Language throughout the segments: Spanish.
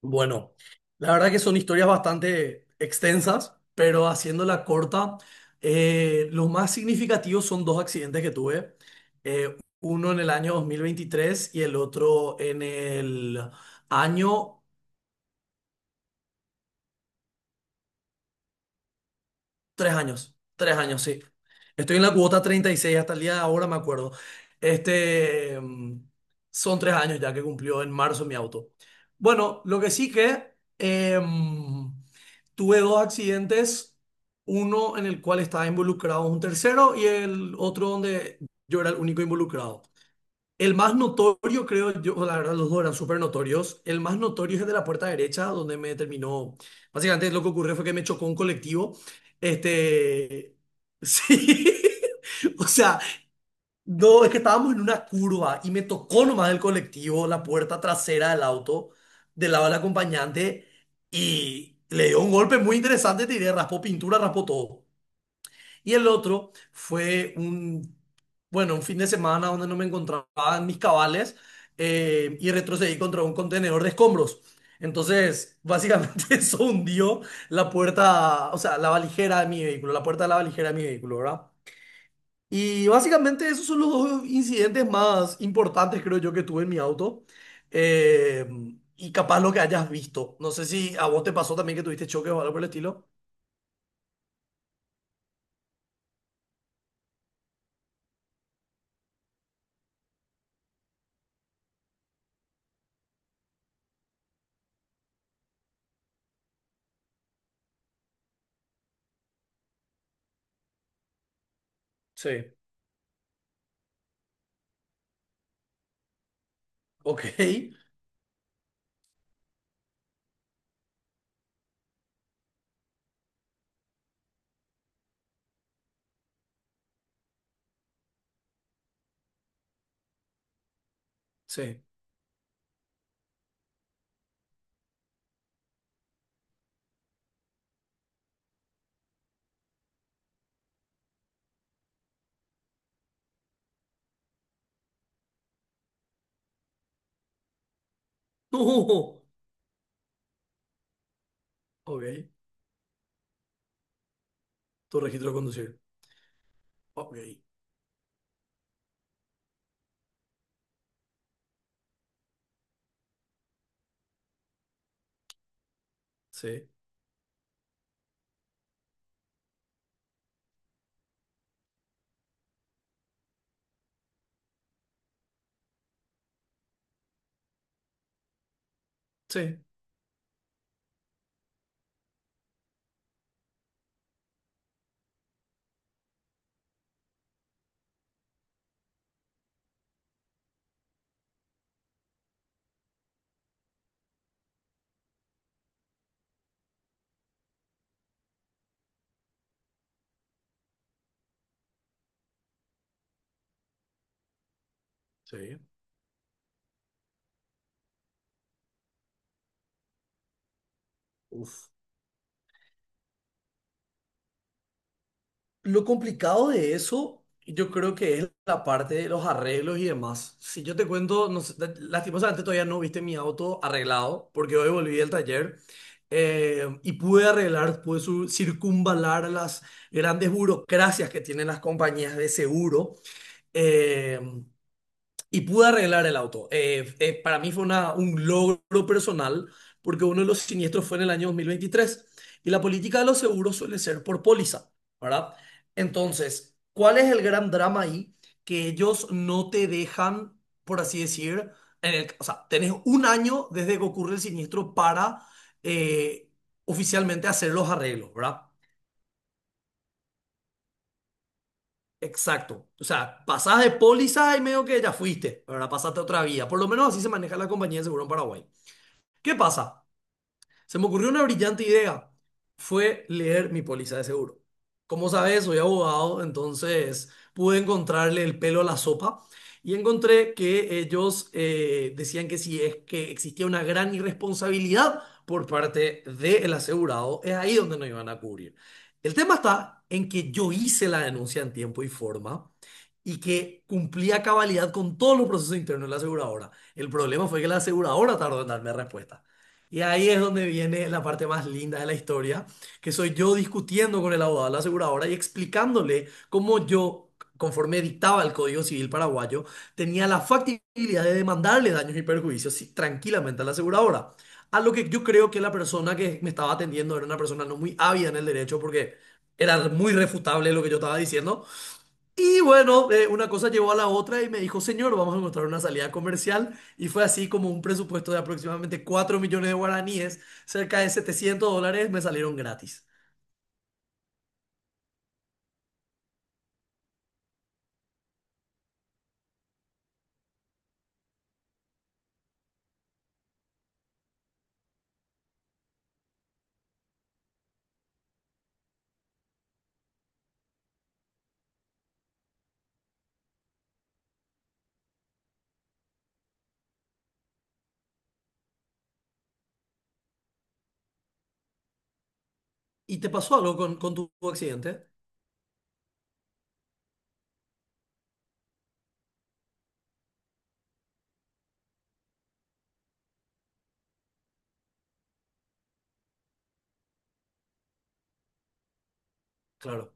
Bueno, la verdad que son historias bastante extensas, pero haciéndola corta, los más significativos son dos accidentes que tuve, uno en el año 2023 y el otro en el año. 3 años, 3 años, sí. Estoy en la cuota 36 hasta el día de ahora, me acuerdo. Este, mm, son 3 años ya que cumplió en marzo mi auto. Bueno, lo que sí que tuve dos accidentes, uno en el cual estaba involucrado un tercero y el otro donde yo era el único involucrado. El más notorio, creo yo, la verdad, los dos eran súper notorios. El más notorio es el de la puerta derecha, donde me terminó. Básicamente, lo que ocurrió fue que me chocó un colectivo. Este. Sí. O sea, no, es que estábamos en una curva y me tocó nomás el colectivo, la puerta trasera del auto, del lado del acompañante, y le dio un golpe muy interesante, te diré, raspó pintura, raspó todo. Y el otro fue un, bueno, un fin de semana donde no me encontraba en mis cabales y retrocedí contra un contenedor de escombros. Entonces, básicamente eso hundió la puerta, o sea, la valijera de mi vehículo, la puerta de la valijera de mi vehículo, ¿verdad? Y básicamente esos son los dos incidentes más importantes, creo yo, que tuve en mi auto. Eh, y capaz lo que hayas visto. No sé si a vos te pasó también que tuviste choques o algo por el estilo. Sí. Ok. Sí. No. Ok. Tu registro de conducir. Ok. Sí. Sí. Sí. Uf. Lo complicado de eso, yo creo que es la parte de los arreglos y demás. Si yo te cuento, no sé, lastimosamente todavía no viste mi auto arreglado, porque hoy volví del taller y pude arreglar, circunvalar las grandes burocracias que tienen las compañías de seguro. eh, Y pude arreglar el auto. Para mí fue un logro personal porque uno de los siniestros fue en el año 2023 y la política de los seguros suele ser por póliza, ¿verdad? Entonces, ¿cuál es el gran drama ahí? Que ellos no te dejan, por así decir, en el, o sea, tenés un año desde que ocurre el siniestro para eh, oficialmente hacer los arreglos, ¿verdad? Exacto. O sea, pasás de póliza y medio que ya fuiste, ahora pasaste a otra vía. Por lo menos así se maneja la compañía de seguro en Paraguay. ¿Qué pasa? Se me ocurrió una brillante idea. Fue leer mi póliza de seguro. Como sabes, soy abogado, entonces pude encontrarle el pelo a la sopa y encontré que ellos decían que si es que existía una gran irresponsabilidad por parte del asegurado, es ahí donde no iban a cubrir. El tema está en que yo hice la denuncia en tiempo y forma y que cumplía cabalidad con todos los procesos internos de la aseguradora. El problema fue que la aseguradora tardó en darme respuesta. Y ahí es donde viene la parte más linda de la historia, que soy yo discutiendo con el abogado de la aseguradora y explicándole cómo yo, conforme dictaba el Código Civil paraguayo, tenía la factibilidad de demandarle daños y perjuicios sí, tranquilamente a la aseguradora. A lo que yo creo que la persona que me estaba atendiendo era una persona no muy ávida en el derecho porque era muy refutable lo que yo estaba diciendo, y bueno, una cosa llevó a la otra y me dijo, señor, vamos a encontrar una salida comercial. Y fue así como un presupuesto de aproximadamente 4 millones de guaraníes, cerca de 700 dólares, me salieron gratis. ¿Y te pasó algo con tu accidente? Claro,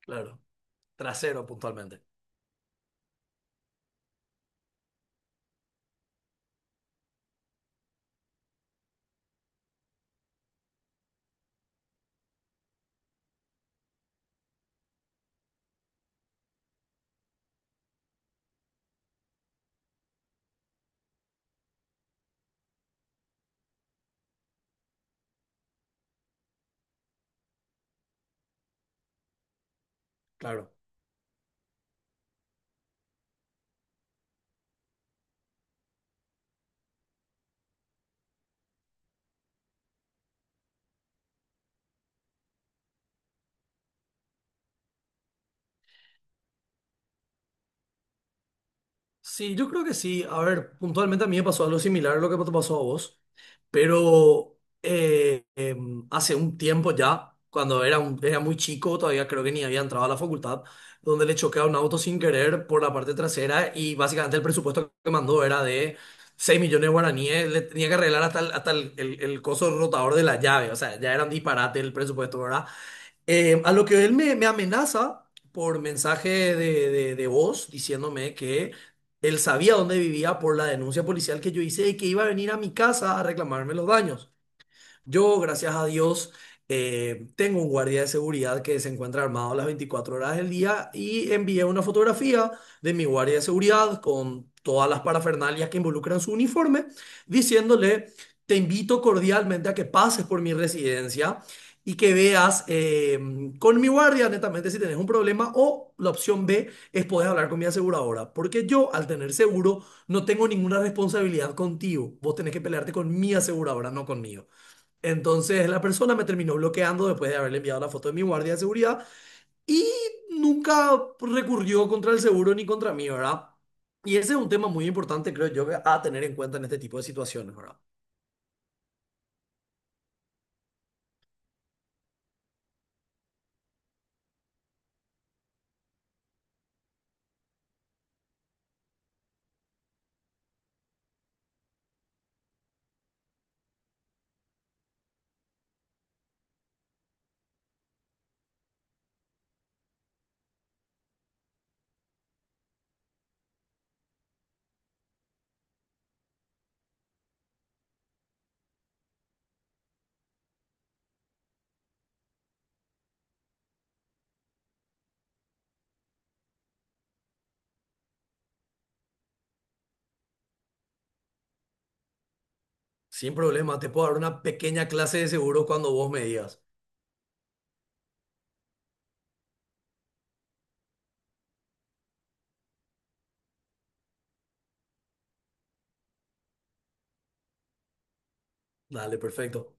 claro. Trasero puntualmente. Claro. Sí, yo creo que sí. A ver, puntualmente a mí me pasó algo similar a lo que te pasó a vos. Pero hace un tiempo ya, cuando era, era muy chico, todavía creo que ni había entrado a la facultad, donde le choqué a un auto sin querer por la parte trasera y básicamente el presupuesto que mandó era de 6 millones de guaraníes, le tenía que arreglar hasta el coso rotador de la llave, o sea, ya era un disparate el presupuesto, ¿verdad? A lo que él me amenaza por mensaje de voz diciéndome que él sabía dónde vivía por la denuncia policial que yo hice y que iba a venir a mi casa a reclamarme los daños. Yo, gracias a Dios, tengo un guardia de seguridad que se encuentra armado las 24 horas del día y envié una fotografía de mi guardia de seguridad con todas las parafernalias que involucran su uniforme, diciéndole, te invito cordialmente a que pases por mi residencia y que veas con mi guardia, netamente, si tenés un problema o la opción B es poder hablar con mi aseguradora, porque yo, al tener seguro, no tengo ninguna responsabilidad contigo. Vos tenés que pelearte con mi aseguradora, no conmigo. Entonces la persona me terminó bloqueando después de haberle enviado la foto de mi guardia de seguridad y nunca recurrió contra el seguro ni contra mí, ¿verdad? Y ese es un tema muy importante, creo yo, a tener en cuenta en este tipo de situaciones, ¿verdad? Sin problema, te puedo dar una pequeña clase de seguro cuando vos me digas. Dale, perfecto.